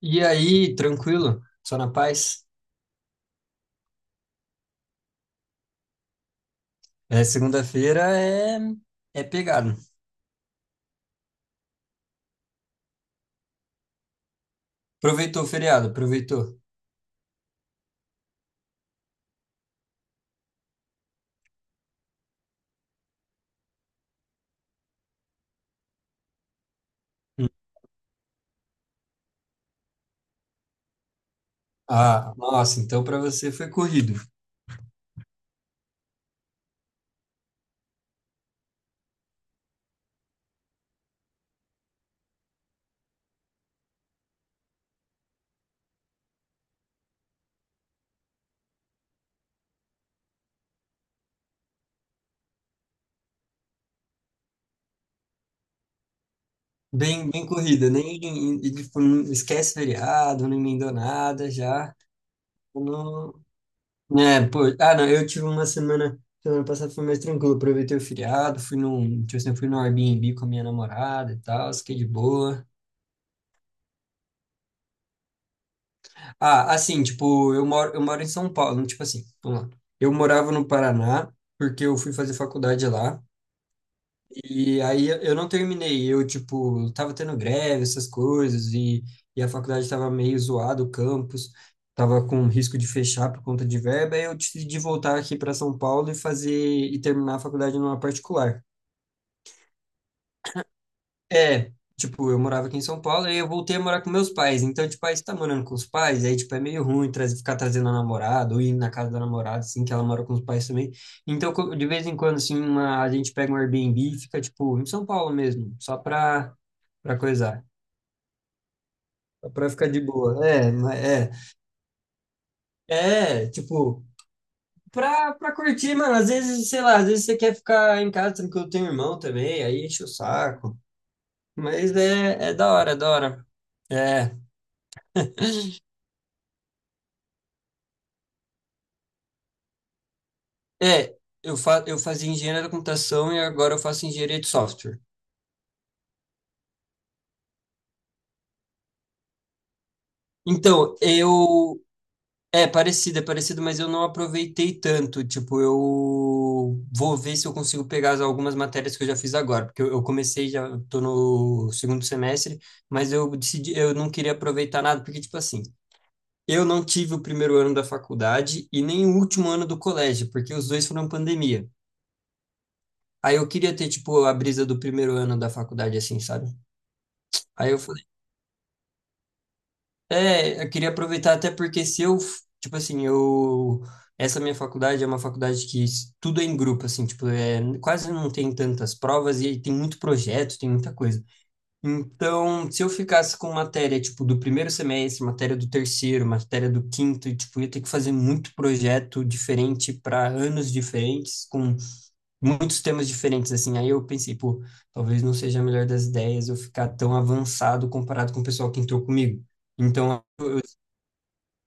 E aí, tranquilo? Só na paz? É, segunda-feira é pegado. Aproveitou o feriado, aproveitou. Hum. Ah, nossa, então para você foi corrido. Bem, bem corrida, nem e, tipo, não esquece feriado, não emendou nada já. Não, né, pô, ah, não, eu tive uma semana, semana passada foi mais tranquilo, aproveitei o feriado, tipo assim, fui no Airbnb com a minha namorada e tal, fiquei de boa. Ah, assim, tipo, eu moro em São Paulo, tipo assim, vamos lá. Eu morava no Paraná, porque eu fui fazer faculdade lá, e aí eu não terminei, eu, tipo, tava tendo greve, essas coisas, e a faculdade tava meio zoada, o campus, tava com risco de fechar por conta de verba, aí eu decidi voltar aqui para São Paulo e terminar a faculdade numa particular. É, tipo, eu morava aqui em São Paulo e eu voltei a morar com meus pais. Então, tipo, aí você tá morando com os pais, aí, tipo, é meio ruim ficar trazendo a namorada ou ir na casa da namorada, assim, que ela mora com os pais também. Então, de vez em quando, assim, a gente pega um Airbnb e fica, tipo, em São Paulo mesmo, só pra coisar. Só pra ficar de boa. É, é. É, tipo, pra curtir, mano. Às vezes, sei lá, às vezes você quer ficar em casa, tranquilo, tem um irmão também, aí enche o saco. Mas é, é da hora, é da hora. É. É, eu fazia engenharia da computação e agora eu faço engenharia de software. Então, eu. É parecido, mas eu não aproveitei tanto. Tipo, eu vou ver se eu consigo pegar algumas matérias que eu já fiz agora, porque eu comecei, já tô no segundo semestre, mas eu decidi, eu não queria aproveitar nada, porque, tipo assim, eu não tive o primeiro ano da faculdade e nem o último ano do colégio, porque os dois foram pandemia. Aí eu queria ter, tipo, a brisa do primeiro ano da faculdade, assim, sabe? Aí eu É, eu queria aproveitar até porque se eu, tipo assim, eu, essa minha faculdade é uma faculdade que tudo é em grupo, assim, tipo, é, quase não tem tantas provas e tem muito projeto, tem muita coisa. Então, se eu ficasse com matéria, tipo, do primeiro semestre, matéria do terceiro, matéria do quinto, e, tipo, eu ia ter que fazer muito projeto diferente para anos diferentes, com muitos temas diferentes, assim. Aí eu pensei, pô, talvez não seja a melhor das ideias eu ficar tão avançado comparado com o pessoal que entrou comigo. Então,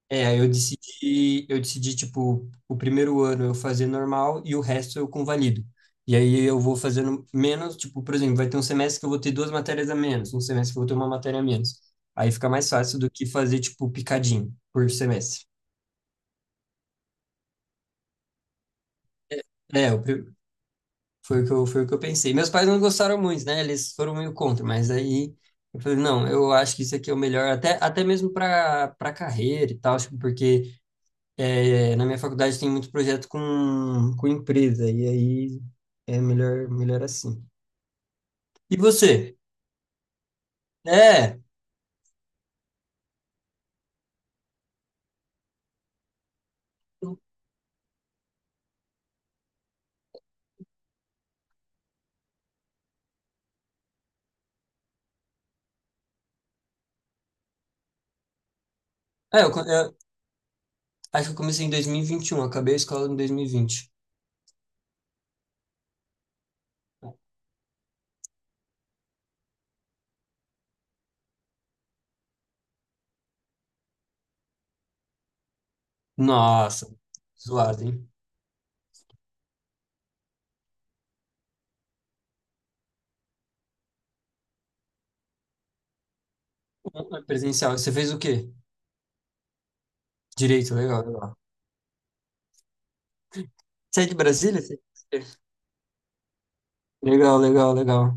é, aí eu decidi, tipo, o primeiro ano eu fazer normal e o resto eu convalido. E aí eu vou fazendo menos, tipo, por exemplo, vai ter um semestre que eu vou ter duas matérias a menos, um semestre que eu vou ter uma matéria a menos. Aí fica mais fácil do que fazer, tipo, picadinho por semestre. É, foi o que eu pensei. Meus pais não gostaram muito, né? Eles foram meio contra, mas aí eu falei, não, eu acho que isso aqui é o melhor, até mesmo para carreira e tal, tipo, porque É, na minha faculdade tem muito projeto com empresa, e aí é melhor, melhor assim. E você? É, eu acho que eu comecei em 2021, acabei a escola em 2020. Nossa, zoado, hein? Um presencial. Você fez o quê? Direito, legal, legal. Você é de Brasília? Legal, legal, legal.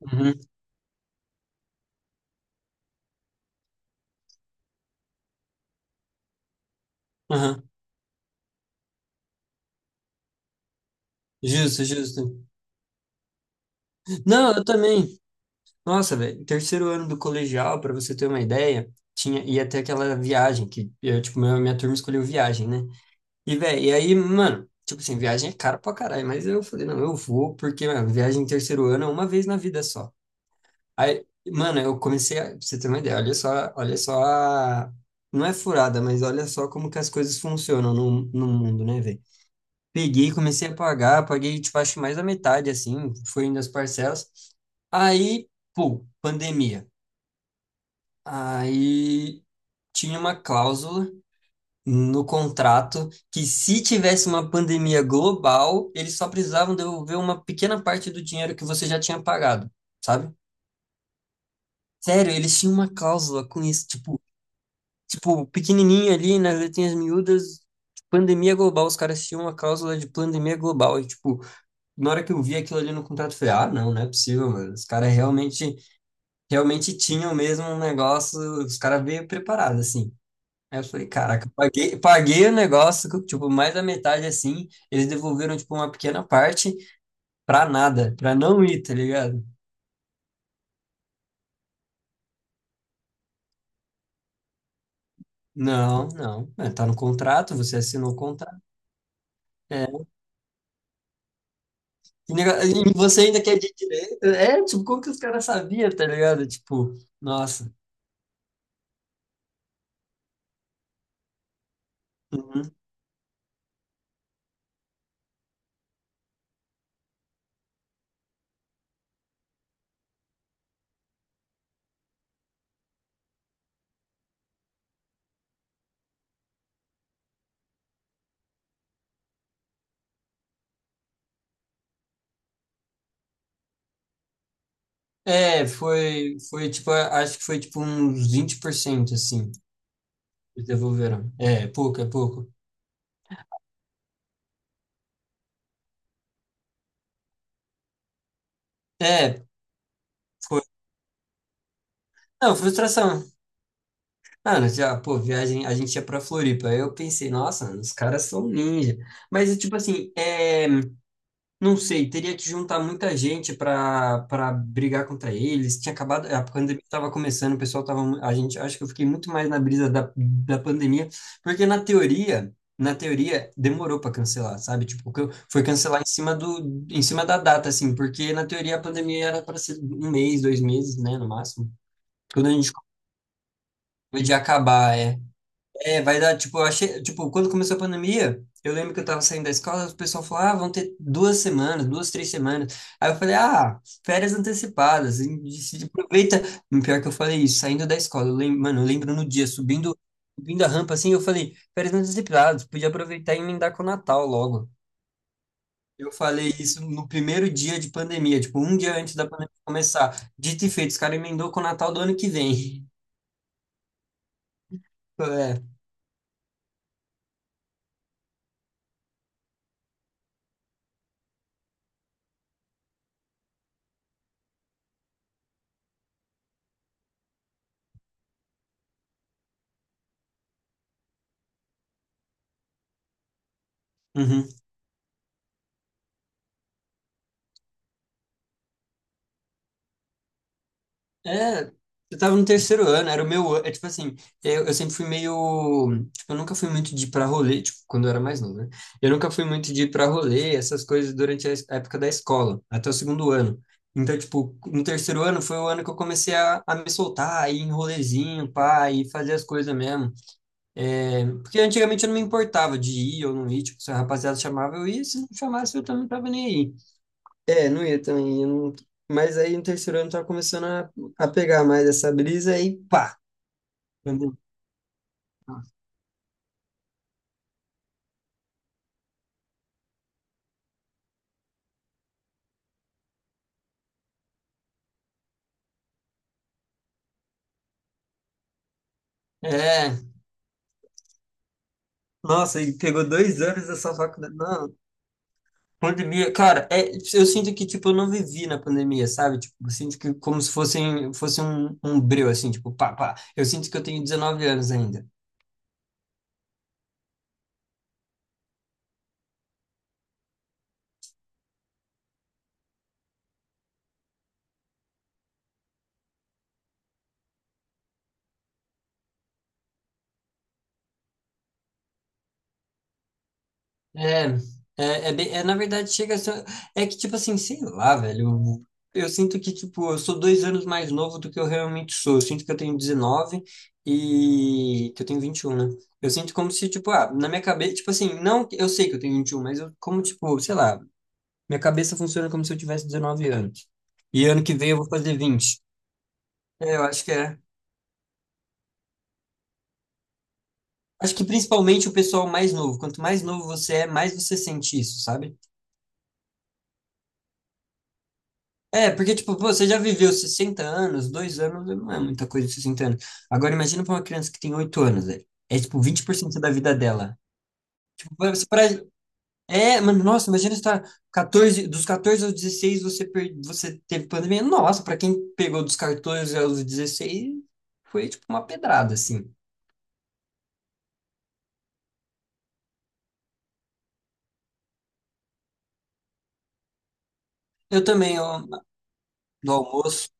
Uhum, uhum. Justo, justo. Não, eu também. Nossa, velho, terceiro ano do colegial, pra você ter uma ideia, tinha ia ter aquela viagem que eu, tipo, minha turma escolheu viagem, né? E velho, e aí, mano, tipo assim, viagem é cara pra caralho, mas eu falei, não, eu vou porque, mano, viagem em terceiro ano é uma vez na vida só. Aí, mano, eu comecei pra você ter uma ideia, olha só não é furada, mas olha só como que as coisas funcionam no mundo, né, velho? Peguei, comecei a pagar, paguei, tipo, acho que mais da metade, assim, foi indo as parcelas. Aí, pô, pandemia. Aí tinha uma cláusula no contrato que se tivesse uma pandemia global, eles só precisavam devolver uma pequena parte do dinheiro que você já tinha pagado, sabe? Sério, eles tinham uma cláusula com isso, tipo, pequenininho ali nas letrinhas miúdas, pandemia global, os caras tinham uma cláusula de pandemia global e tipo, na hora que eu vi aquilo ali no contrato, eu falei, ah, não, não é possível, mano. Os caras realmente, tinham mesmo um negócio, os caras veio preparados assim. Aí eu falei, caraca, paguei o negócio, tipo, mais da metade assim, eles devolveram, tipo, uma pequena parte pra nada, pra não ir, tá ligado? Não, não, é, tá no contrato, você assinou o contrato. É. E você ainda quer de direito? É, tipo, como que os caras sabiam, tá ligado? Tipo, nossa. Uhum. É, foi, tipo, acho que foi, tipo, uns 20% assim, eles devolveram. É, pouco, é pouco. É, foi. Não, frustração, ah, nós já, pô, viagem, a gente ia pra Floripa. Aí eu pensei, nossa, os caras são ninja. Mas, é tipo assim, é, não sei, teria que juntar muita gente pra brigar contra eles. Tinha acabado, a pandemia tava começando, o pessoal tava, a gente, acho que eu fiquei muito mais na brisa da pandemia, porque na teoria, demorou pra cancelar, sabe? Tipo, foi cancelar em cima da data, assim, porque na teoria a pandemia era pra ser um mês, dois meses, né, no máximo. Quando a gente combinou de acabar, é. É, vai dar, tipo, eu achei, tipo, quando começou a pandemia, eu lembro que eu tava saindo da escola, o pessoal falou, ah, vão ter duas semanas, duas, três semanas. Aí eu falei, ah, férias antecipadas, e se aproveita. Pior que eu falei isso, saindo da escola, eu lembro, mano, eu lembro no dia, subindo a rampa, assim, eu falei, férias antecipadas, podia aproveitar e emendar com o Natal logo. Eu falei isso no primeiro dia de pandemia, tipo, um dia antes da pandemia começar. Dito e feito, os caras emendou com o Natal do ano que vem. É. Uhum. É, eu tava no terceiro ano, era o meu, é tipo assim, eu sempre fui meio, tipo, eu nunca fui muito de ir pra rolê, tipo, quando eu era mais novo, né? Eu nunca fui muito de ir pra rolê, essas coisas durante a época da escola, até o segundo ano. Então, tipo, no terceiro ano foi o ano que eu comecei a me soltar, a ir em rolezinho, pá, e fazer as coisas mesmo. É, porque antigamente eu não me importava de ir ou não ir, tipo, se a rapaziada chamava, eu ia, se não chamasse, eu também não tava nem aí. É, não ia também. Eu não- Mas aí no terceiro ano eu tava começando a pegar mais essa brisa e pá. Entendeu? É, nossa, e pegou dois anos dessa faculdade. Não, pandemia, cara, é, eu sinto que, tipo, eu não vivi na pandemia, sabe? Tipo, eu sinto que como se fosse um breu, assim, tipo, pá, pá. Eu sinto que eu tenho 19 anos ainda. É, é, na verdade, chega a ser, é que, tipo assim, sei lá, velho, eu sinto que, tipo, eu sou dois anos mais novo do que eu realmente sou, eu sinto que eu tenho 19 e que eu tenho 21, né? Eu sinto como se, tipo, ah, na minha cabeça, tipo assim, não, eu sei que eu tenho 21, mas eu, como, tipo, sei lá, minha cabeça funciona como se eu tivesse 19 anos, e ano que vem eu vou fazer 20. É, eu acho que é, acho que principalmente o pessoal mais novo, quanto mais novo você é, mais você sente isso, sabe? É, porque, tipo, pô, você já viveu 60 anos, dois anos não é muita coisa, 60 anos. Agora, imagina pra uma criança que tem 8 anos, velho. É, tipo, 20% da vida dela. Você pra- É, mano, nossa, imagina você tá 14, dos 14 aos 16 você, você teve pandemia. Nossa, pra quem pegou dos 14 aos 16 foi, tipo, uma pedrada, assim. Eu também, eu, do almoço,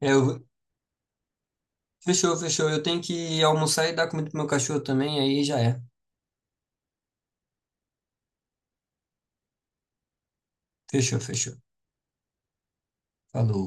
é, fechou, fechou. Eu tenho que almoçar e dar comida pro meu cachorro também, aí já é. Fechou, fechou. Falou.